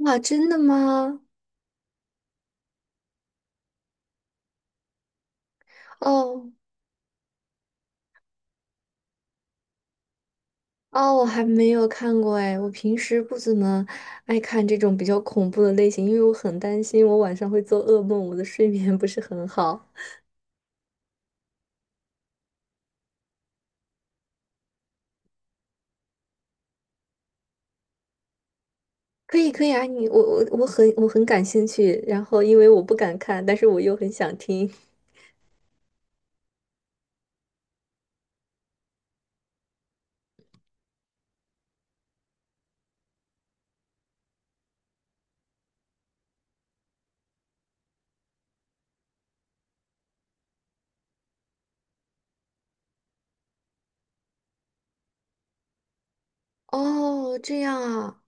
哇，真的吗？哦哦，我还没有看过哎，我平时不怎么爱看这种比较恐怖的类型，因为我很担心我晚上会做噩梦，我的睡眠不是很好。可以可以啊，你我我我很我很感兴趣，然后因为我不敢看，但是我又很想听。哦，这样啊。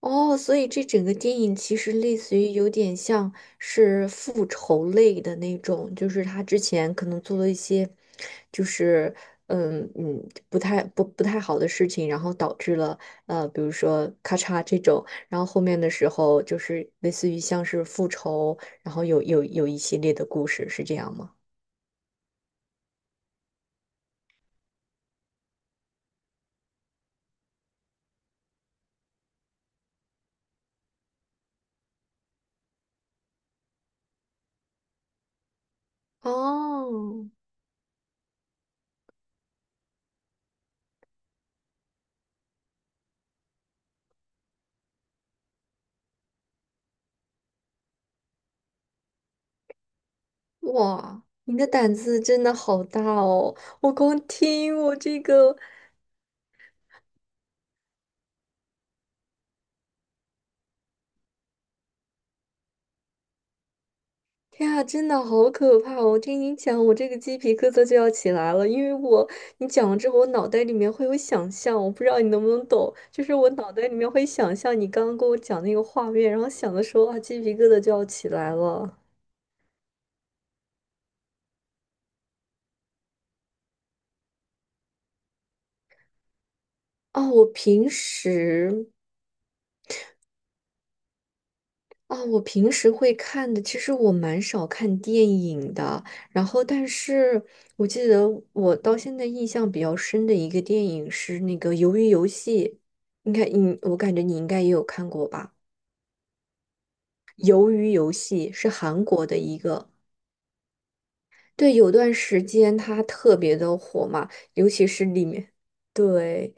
哦，所以这整个电影其实类似于有点像是复仇类的那种，就是他之前可能做了一些，就是嗯嗯不太不不太好的事情，然后导致了比如说咔嚓这种，然后后面的时候就是类似于像是复仇，然后有一系列的故事，是这样吗？哦，哇，你的胆子真的好大哦！我光听我这个。天啊，真的好可怕哦，我听你讲，我这个鸡皮疙瘩就要起来了，因为我你讲了之后，我脑袋里面会有想象，我不知道你能不能懂，就是我脑袋里面会想象你刚刚跟我讲那个画面，然后想的时候啊，鸡皮疙瘩就要起来了。哦，我平时啊，我平时会看的，其实我蛮少看电影的。然后，但是我记得我到现在印象比较深的一个电影是那个《鱿鱼游戏》，应该你，我感觉你应该也有看过吧？《鱿鱼游戏》是韩国的一个，对，有段时间它特别的火嘛，尤其是里面，对。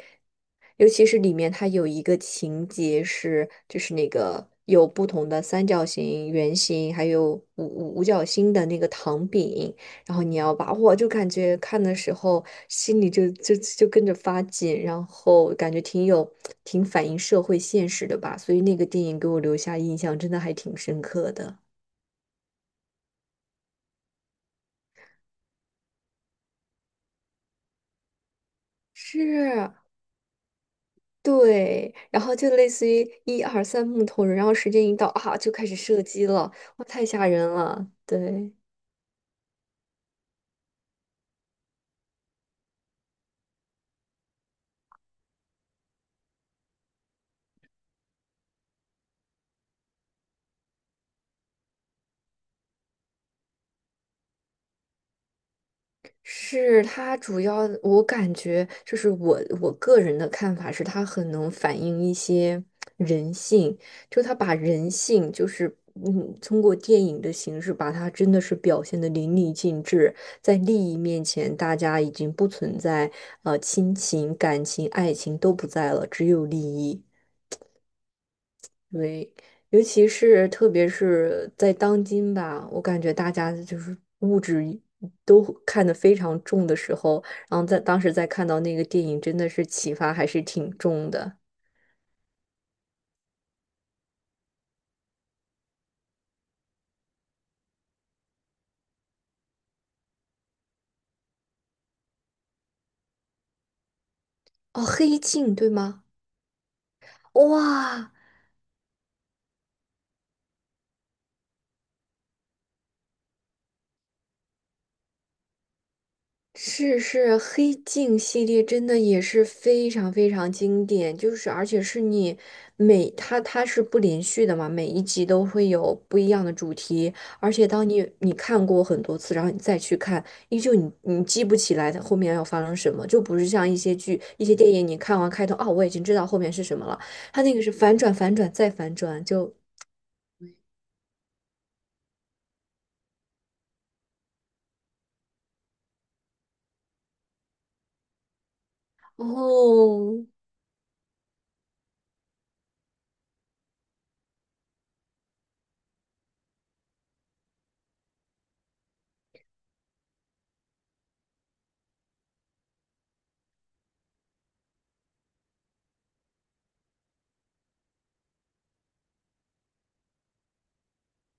尤其是里面它有一个情节是，就是那个有不同的三角形、圆形，还有五角星的那个糖饼，然后你要把，我就感觉看的时候心里就跟着发紧，然后感觉挺有挺反映社会现实的吧，所以那个电影给我留下印象真的还挺深刻的。是，对，然后就类似于一二三木头人，然后时间一到啊，就开始射击了，哇，太吓人了，对。是他主要，我感觉就是我个人的看法是，他很能反映一些人性，就他把人性就是嗯，通过电影的形式把它真的是表现的淋漓尽致，在利益面前，大家已经不存在亲情、感情、爱情都不在了，只有利益。对，尤其是特别是在当今吧，我感觉大家就是物质都看得非常重的时候，然后在当时在看到那个电影，真的是启发还是挺重的。哦，《黑镜》对吗？哇，是是，黑镜系列真的也是非常非常经典，就是而且是你每它是不连续的嘛，每一集都会有不一样的主题，而且当你看过很多次，然后你再去看，依旧你记不起来它后面要发生什么，就不是像一些剧、一些电影，你看完开头，哦，我已经知道后面是什么了，它那个是反转、反转再反转，就哦，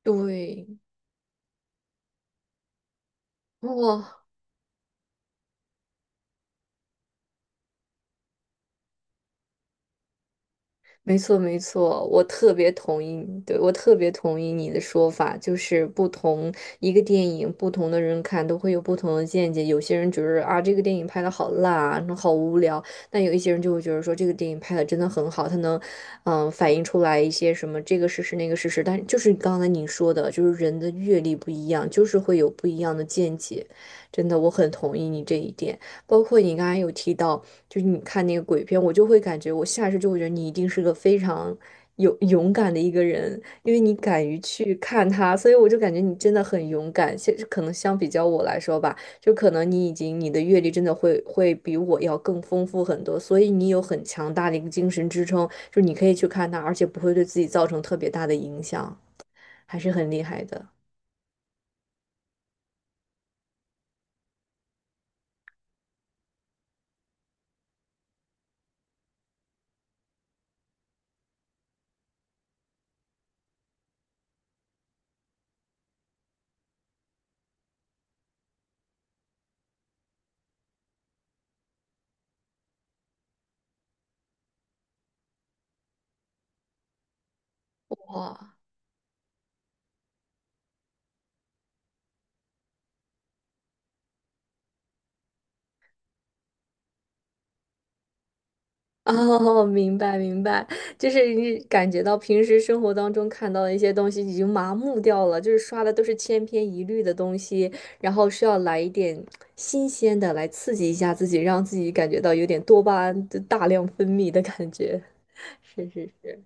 对，哇。没错，没错，我特别同意你，对，我特别同意你的说法，就是不同一个电影，不同的人看都会有不同的见解。有些人觉得啊，这个电影拍的好烂啊，好无聊；但有一些人就会觉得说，这个电影拍的真的很好，它能，嗯、反映出来一些什么这个事实那个事实。但就是刚才你说的，就是人的阅历不一样，就是会有不一样的见解。真的，我很同意你这一点。包括你刚才有提到。就是你看那个鬼片，我就会感觉，我下意识就会觉得你一定是个非常勇敢的一个人，因为你敢于去看它，所以我就感觉你真的很勇敢。现可能相比较我来说吧，就可能你已经你的阅历真的会比我要更丰富很多，所以你有很强大的一个精神支撑，就你可以去看它，而且不会对自己造成特别大的影响，还是很厉害的。哇 哦，明白明白，就是你感觉到平时生活当中看到的一些东西已经麻木掉了，就是刷的都是千篇一律的东西，然后需要来一点新鲜的来刺激一下自己，让自己感觉到有点多巴胺的大量分泌的感觉。是是是。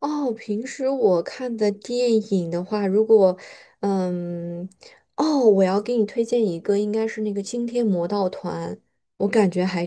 哦，平时我看的电影的话，如果嗯，哦，我要给你推荐一个，应该是那个《惊天魔盗团》，我感觉还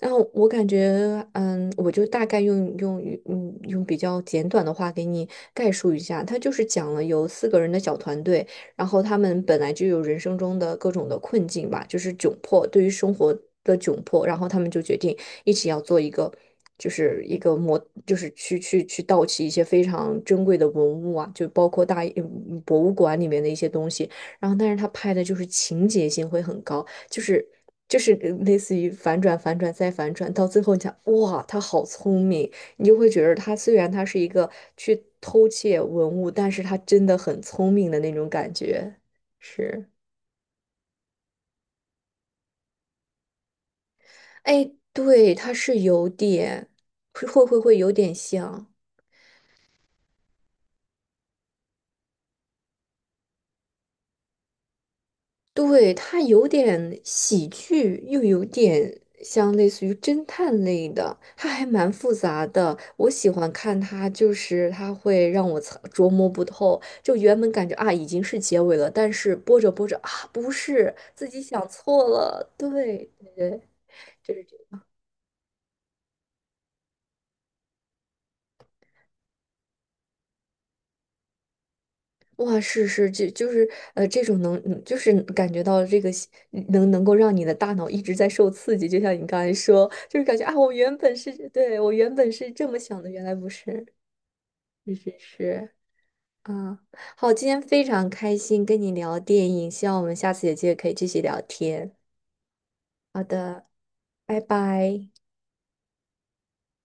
然后我感觉，嗯，我就大概用用比较简短的话给你概述一下，他就是讲了有四个人的小团队，然后他们本来就有人生中的各种的困境吧，就是窘迫，对于生活的窘迫，然后他们就决定一起要做一个，就是一个模，就是去盗窃一些非常珍贵的文物啊，就包括大博物馆里面的一些东西，然后但是他拍的就是情节性会很高。就是就是类似于反转、反转再反转，到最后你想，哇，他好聪明，你就会觉得他虽然他是一个去偷窃文物，但是他真的很聪明的那种感觉。是，哎，对，他是有点，会有点像。对，它有点喜剧，又有点像类似于侦探类的，它还蛮复杂的。我喜欢看它，就是它会让我猜琢磨不透。就原本感觉啊已经是结尾了，但是播着播着啊不是，自己想错了。对对对，哇，是是，就就是，这种能，嗯就是感觉到这个能能够让你的大脑一直在受刺激，就像你刚才说，就是感觉啊，我原本是，对，我原本是这么想的，原来不是，是是是，啊，好，今天非常开心跟你聊电影，希望我们下次有机会可以继续聊天。好的，拜拜。